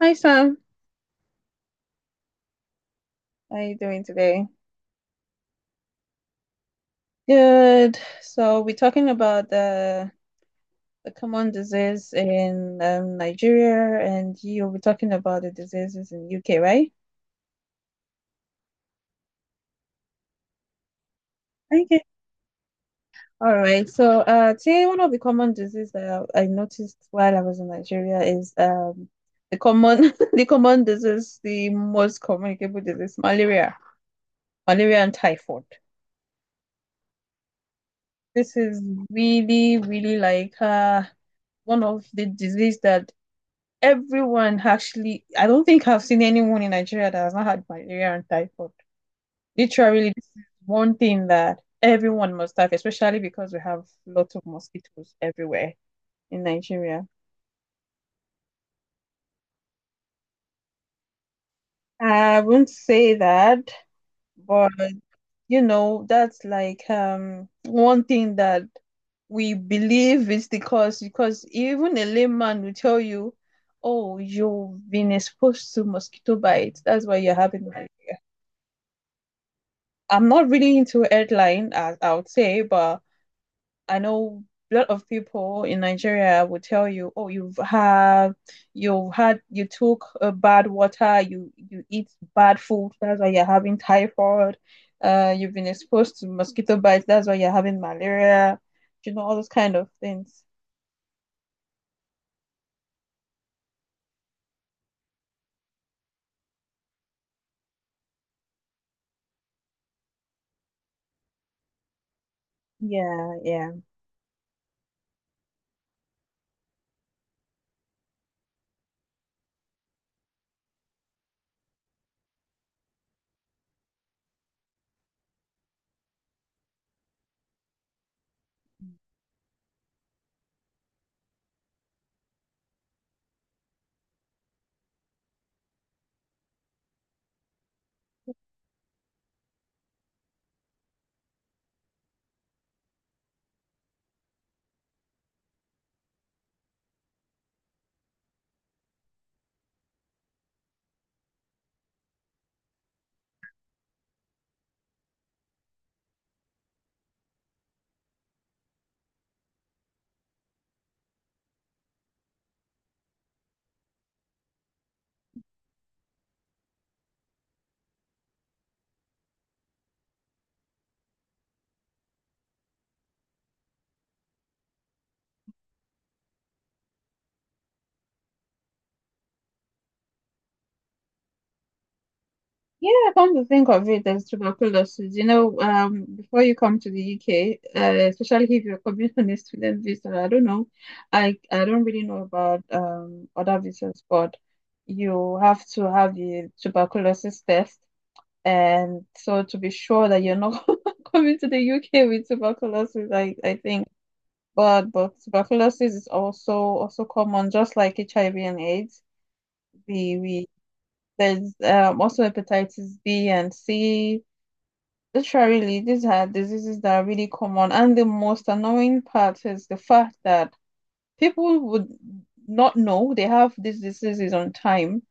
Hi Sam, how are you doing today? Good. So we're talking about the common disease in Nigeria, and you'll be talking about the diseases in UK, right? Okay. All right. So today one of the common diseases that I noticed while I was in Nigeria is the common the common disease, the most communicable disease, malaria, malaria and typhoid. This is really, really like one of the disease that everyone actually, I don't think I've seen anyone in Nigeria that has not had malaria and typhoid. Literally, this is one thing that everyone must have, especially because we have lots of mosquitoes everywhere in Nigeria. I wouldn't say that, but you know, that's like one thing that we believe is the cause because even a layman will tell you, oh, you've been exposed to mosquito bites. That's why you're having. I'm not really into airline, as I would say, but I know a lot of people in Nigeria would tell you, oh, you've had, you took bad water, you eat bad food, that's why you're having typhoid. You've been exposed to mosquito bites, that's why you're having malaria. You know, all those kind of things. Yeah, yeah. Yeah, come to think of it, as tuberculosis. You know, before you come to the UK, especially if you're coming on a student visa, I don't know, I don't really know about other visas, but you have to have the tuberculosis test, and so to be sure that you're not coming to the UK with tuberculosis, I think. But tuberculosis is also common, just like HIV and AIDS. We there's also hepatitis B and C. Literally, these are diseases that are really common. And the most annoying part is the fact that people would not know they have these diseases on time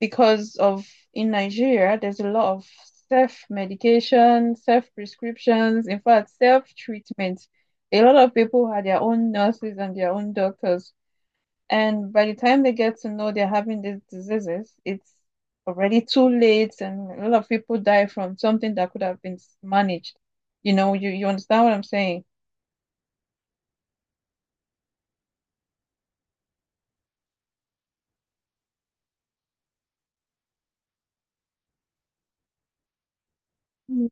because of in Nigeria, there's a lot of self-medication, self-prescriptions, in fact, self-treatment. A lot of people had their own nurses and their own doctors. And by the time they get to know they're having these diseases, it's already too late, and a lot of people die from something that could have been managed. You know, you understand what I'm saying? Mm.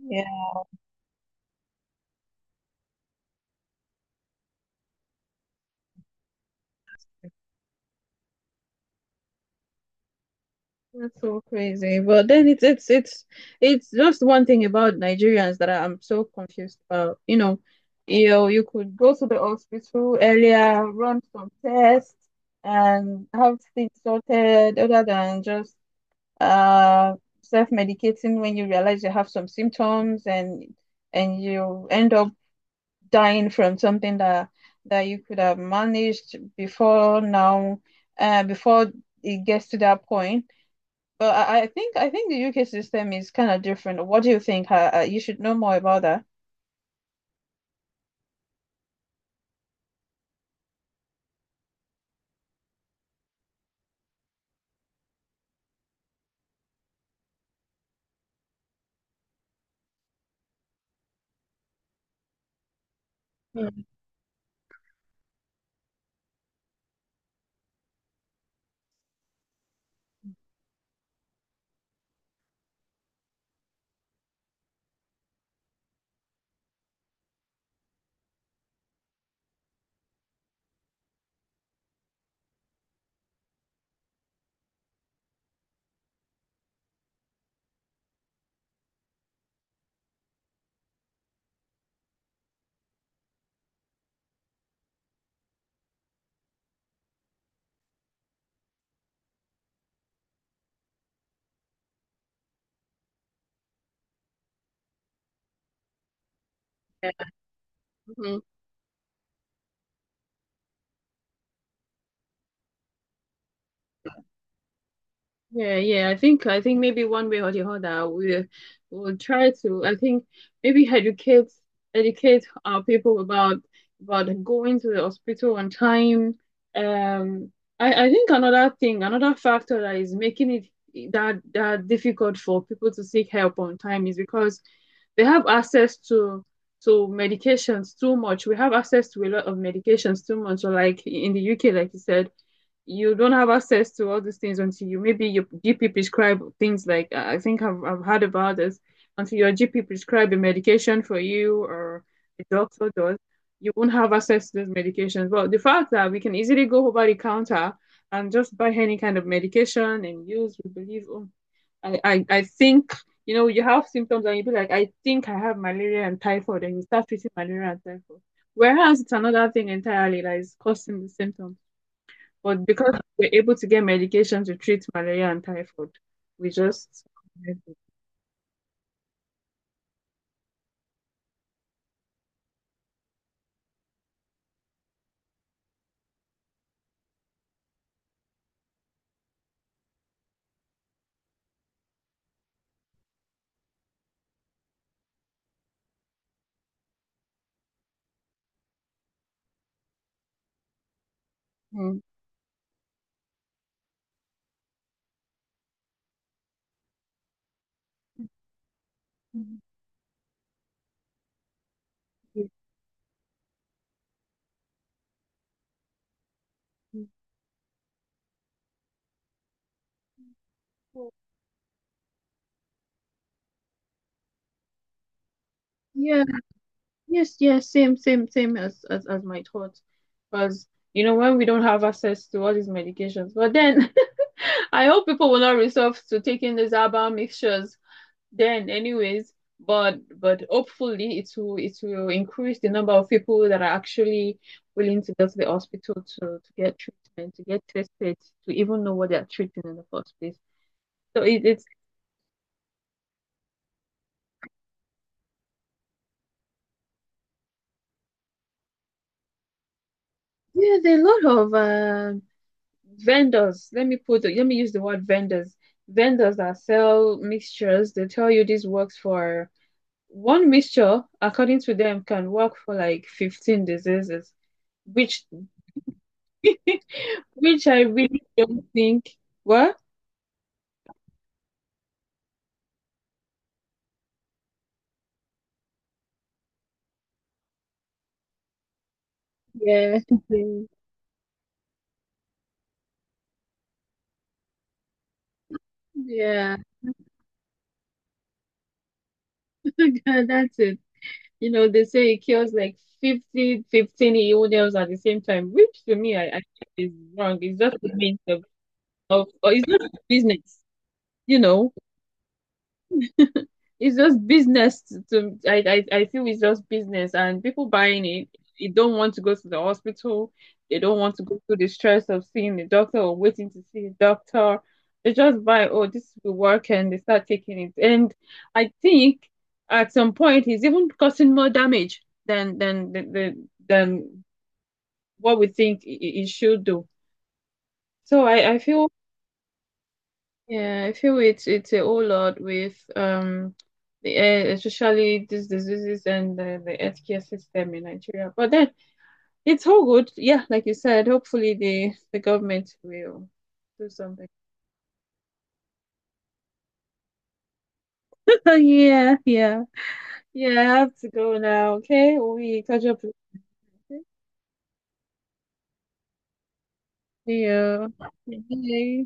Yeah, that's so crazy. But then it's it's just one thing about Nigerians that I'm so confused about. You know, you could go to the hospital earlier, run some tests, and have things sorted other than just uh, self-medicating when you realize you have some symptoms and you end up dying from something that that you could have managed before now, before it gets to that point. But I think the UK system is kind of different. What do you think? You should know more about that. Mm. Yeah. Mhm. Yeah, yeah. I think maybe one way or the other we will try to I think maybe educate our people about going to the hospital on time. Um I think another thing, another factor that is making it that difficult for people to seek help on time is because they have access to medications too much. We have access to a lot of medications too much. So like in the UK, like you said you don't have access to all these things until you maybe your GP prescribe things like I think I've heard about this until your GP prescribe a medication for you or a doctor does, you won't have access to those medications. But the fact that we can easily go over the counter and just buy any kind of medication and use, we believe, oh, I think, you know, you have symptoms and you be like, I think I have malaria and typhoid, and you start treating malaria and typhoid. Whereas it's another thing entirely that is causing the symptom. But because we're able to get medication to treat malaria and typhoid, we just. Mm. Yeah, yes, yes, same as as my thoughts. Because you know, when we don't have access to all these medications, but then I hope people will not resort to taking these herbal mixtures then anyways, but hopefully it will increase the number of people that are actually willing to go to the hospital to get treatment, to get tested, to even know what they're treating in the first place. So it's there's a lot of vendors, let me put, let me use the word vendors, vendors that sell mixtures. They tell you this works for one mixture according to them can work for like 15 diseases which which I really don't think. What? Yeah. Yeah. That's it. You know, they say it kills like 50, 15 illness at the same time, which to me, I think is wrong. It's just a means of, or it's not a business, you know. It's just business to, I feel it's just business and people buying it, they don't want to go to the hospital. They don't want to go through the stress of seeing the doctor or waiting to see the doctor. They just buy, oh, this will work and they start taking it. And I think at some point it's even causing more damage than than than what we think it should do. So I feel. Yeah, I feel it's a whole lot with the air, especially these diseases and the healthcare system in Nigeria. But then it's all good. Yeah, like you said, hopefully the government will do something. Yeah, yeah, yeah. I have to go now. Okay, we catch up later. See you. Bye.